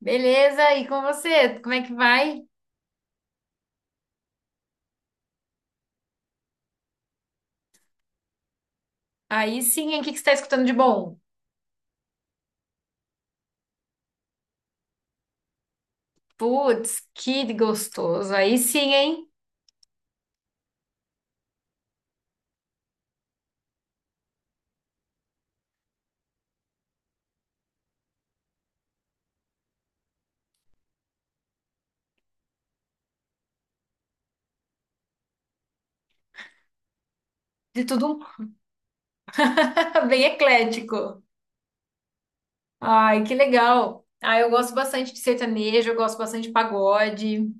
Beleza, e com você? Como é que vai? Aí sim, hein? O que que você está escutando de bom? Putz, que gostoso. Aí sim, hein? De tudo um bem eclético. Ai, que legal. Ah, eu gosto bastante de sertanejo, eu gosto bastante de pagode.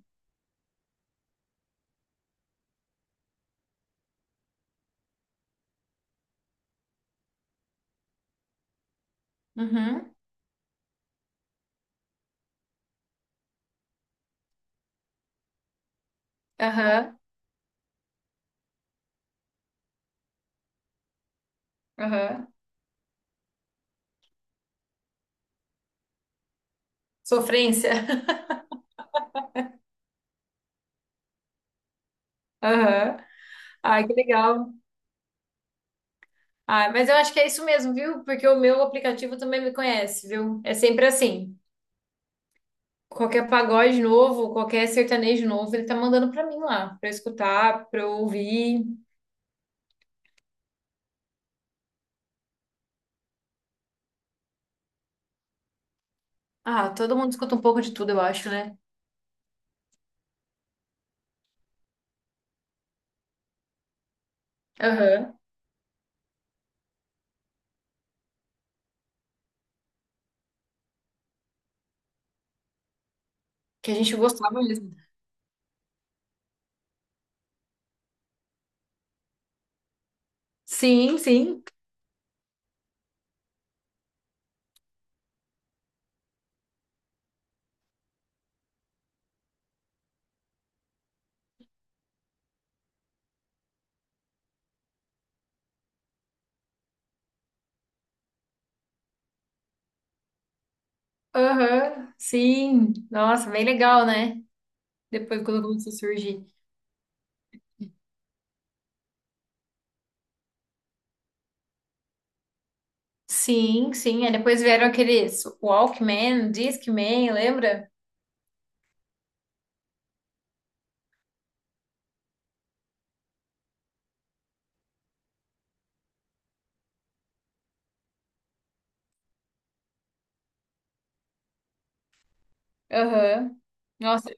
Uhum, aham, aham. Sofrência. Aham. Ai, que legal. Ai, mas eu acho que é isso mesmo, viu? Porque o meu aplicativo também me conhece, viu? É sempre assim. Qualquer pagode novo, qualquer sertanejo novo, ele tá mandando pra mim lá, pra eu escutar, pra eu ouvir. Ah, todo mundo escuta um pouco de tudo, eu acho, né? Aham. Que a gente gostava mesmo. Sim, sim. Aham, sim. Nossa, bem legal, né? Depois quando começou a surgir. Sim, sim. Aí depois vieram aqueles Walkman, Discman, lembra? Aham. Nossa,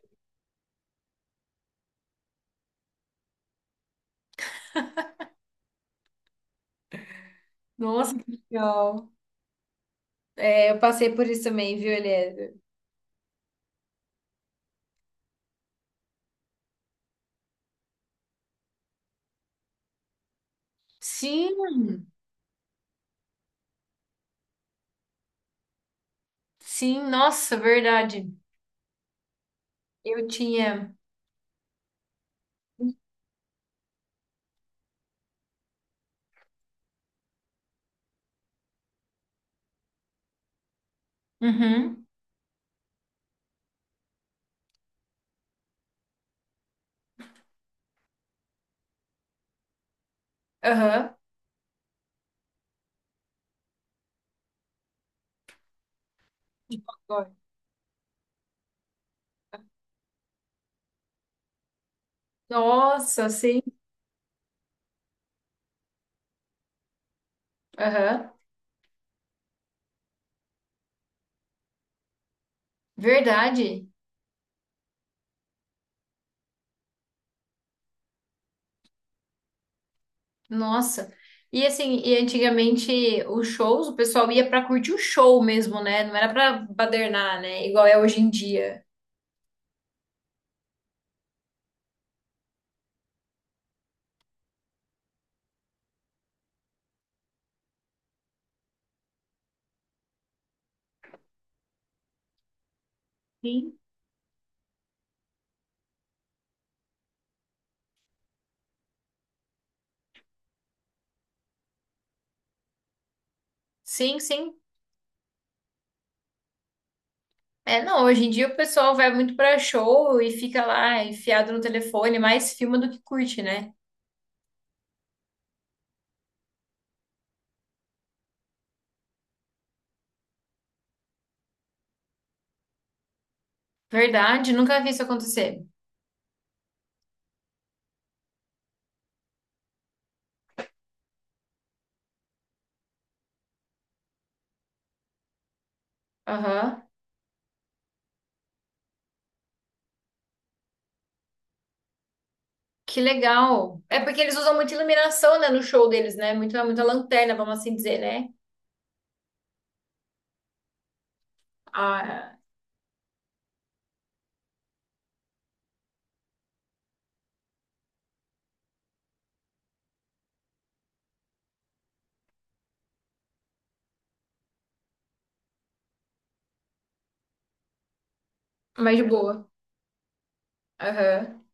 nossa, que legal. É, eu passei por isso também, viu, Eliezer? Sim, sim, nossa, verdade. Eu tinha. Uhum. Aham. De Pacói. Nossa, sim. Aham. Verdade. Nossa. E assim, e antigamente os shows, o pessoal ia pra curtir o show mesmo, né? Não era pra badernar, né? Igual é hoje em dia. Sim. Sim, sim. É, não, hoje em dia o pessoal vai muito pra show e fica lá enfiado no telefone, mais filma do que curte, né? Verdade, nunca vi isso acontecer. Aham. Que legal. É porque eles usam muita iluminação, né, no show deles, né? Muita, muita lanterna, vamos assim dizer, né? Ah, mais de boa. Aham.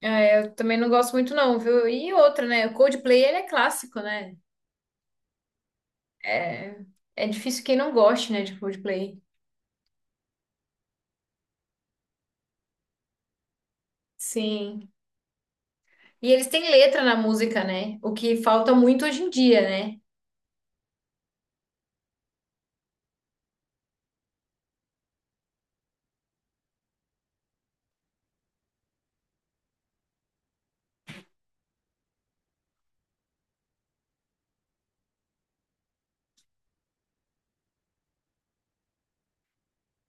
É, eu também não gosto muito, não, viu? E outra, né? O Coldplay, ele é clássico, né? É é difícil quem não goste, né, de Coldplay. Sim. E eles têm letra na música, né? O que falta muito hoje em dia, né?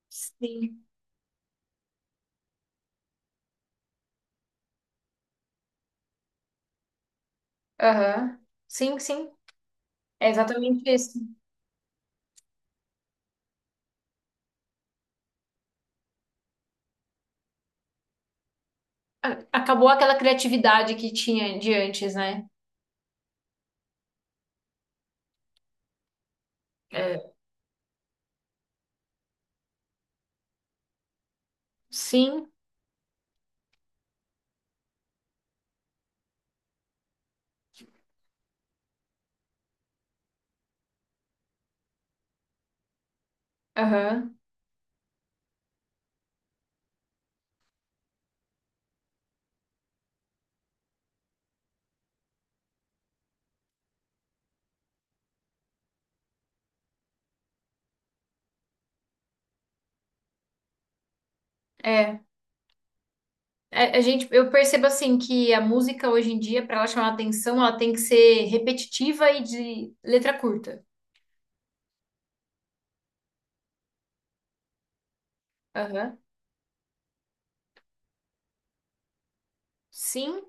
Sim. Aham. Sim, sim. É exatamente isso. Acabou aquela criatividade que tinha de antes, né? É. Sim. Aham. É, a gente, eu percebo assim que a música hoje em dia, para ela chamar atenção, ela tem que ser repetitiva e de letra curta. Aham. Sim,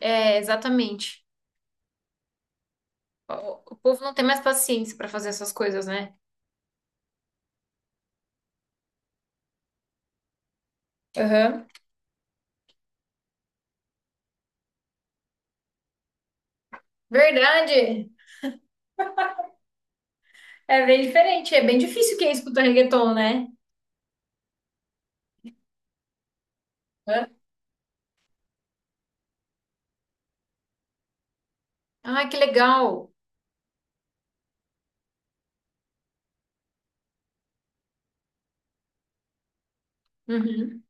é, exatamente. O, o povo não tem mais paciência para fazer essas coisas, né? Aham. Verdade. É bem diferente, é bem difícil quem escuta reggaeton, né? Hã? Ah, que legal. Uhum.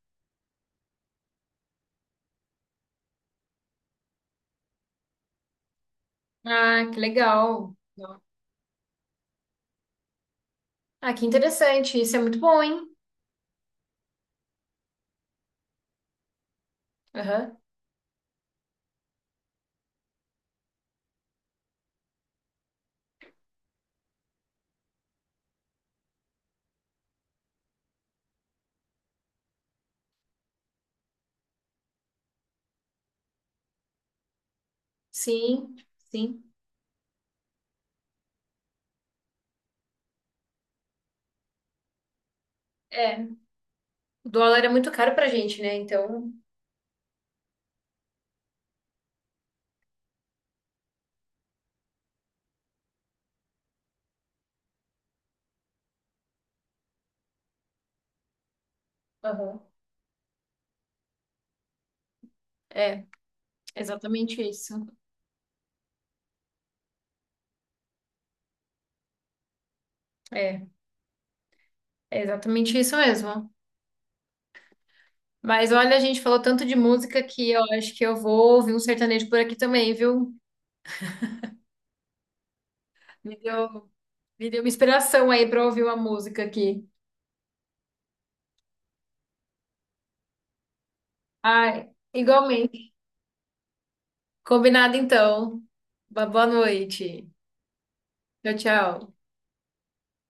Ah, que legal. Ah, que interessante. Isso é muito bom, hein? Aham. Sim, sim. O dólar é muito caro pra gente, né? Então, aham, é, exatamente isso. É, é exatamente isso mesmo. Mas olha, a gente falou tanto de música que eu acho que eu vou ouvir um sertanejo por aqui também, viu? Me deu, me deu uma inspiração aí pra ouvir uma música aqui. Ai, igualmente. Combinado então. Uma boa noite. Tchau, tchau.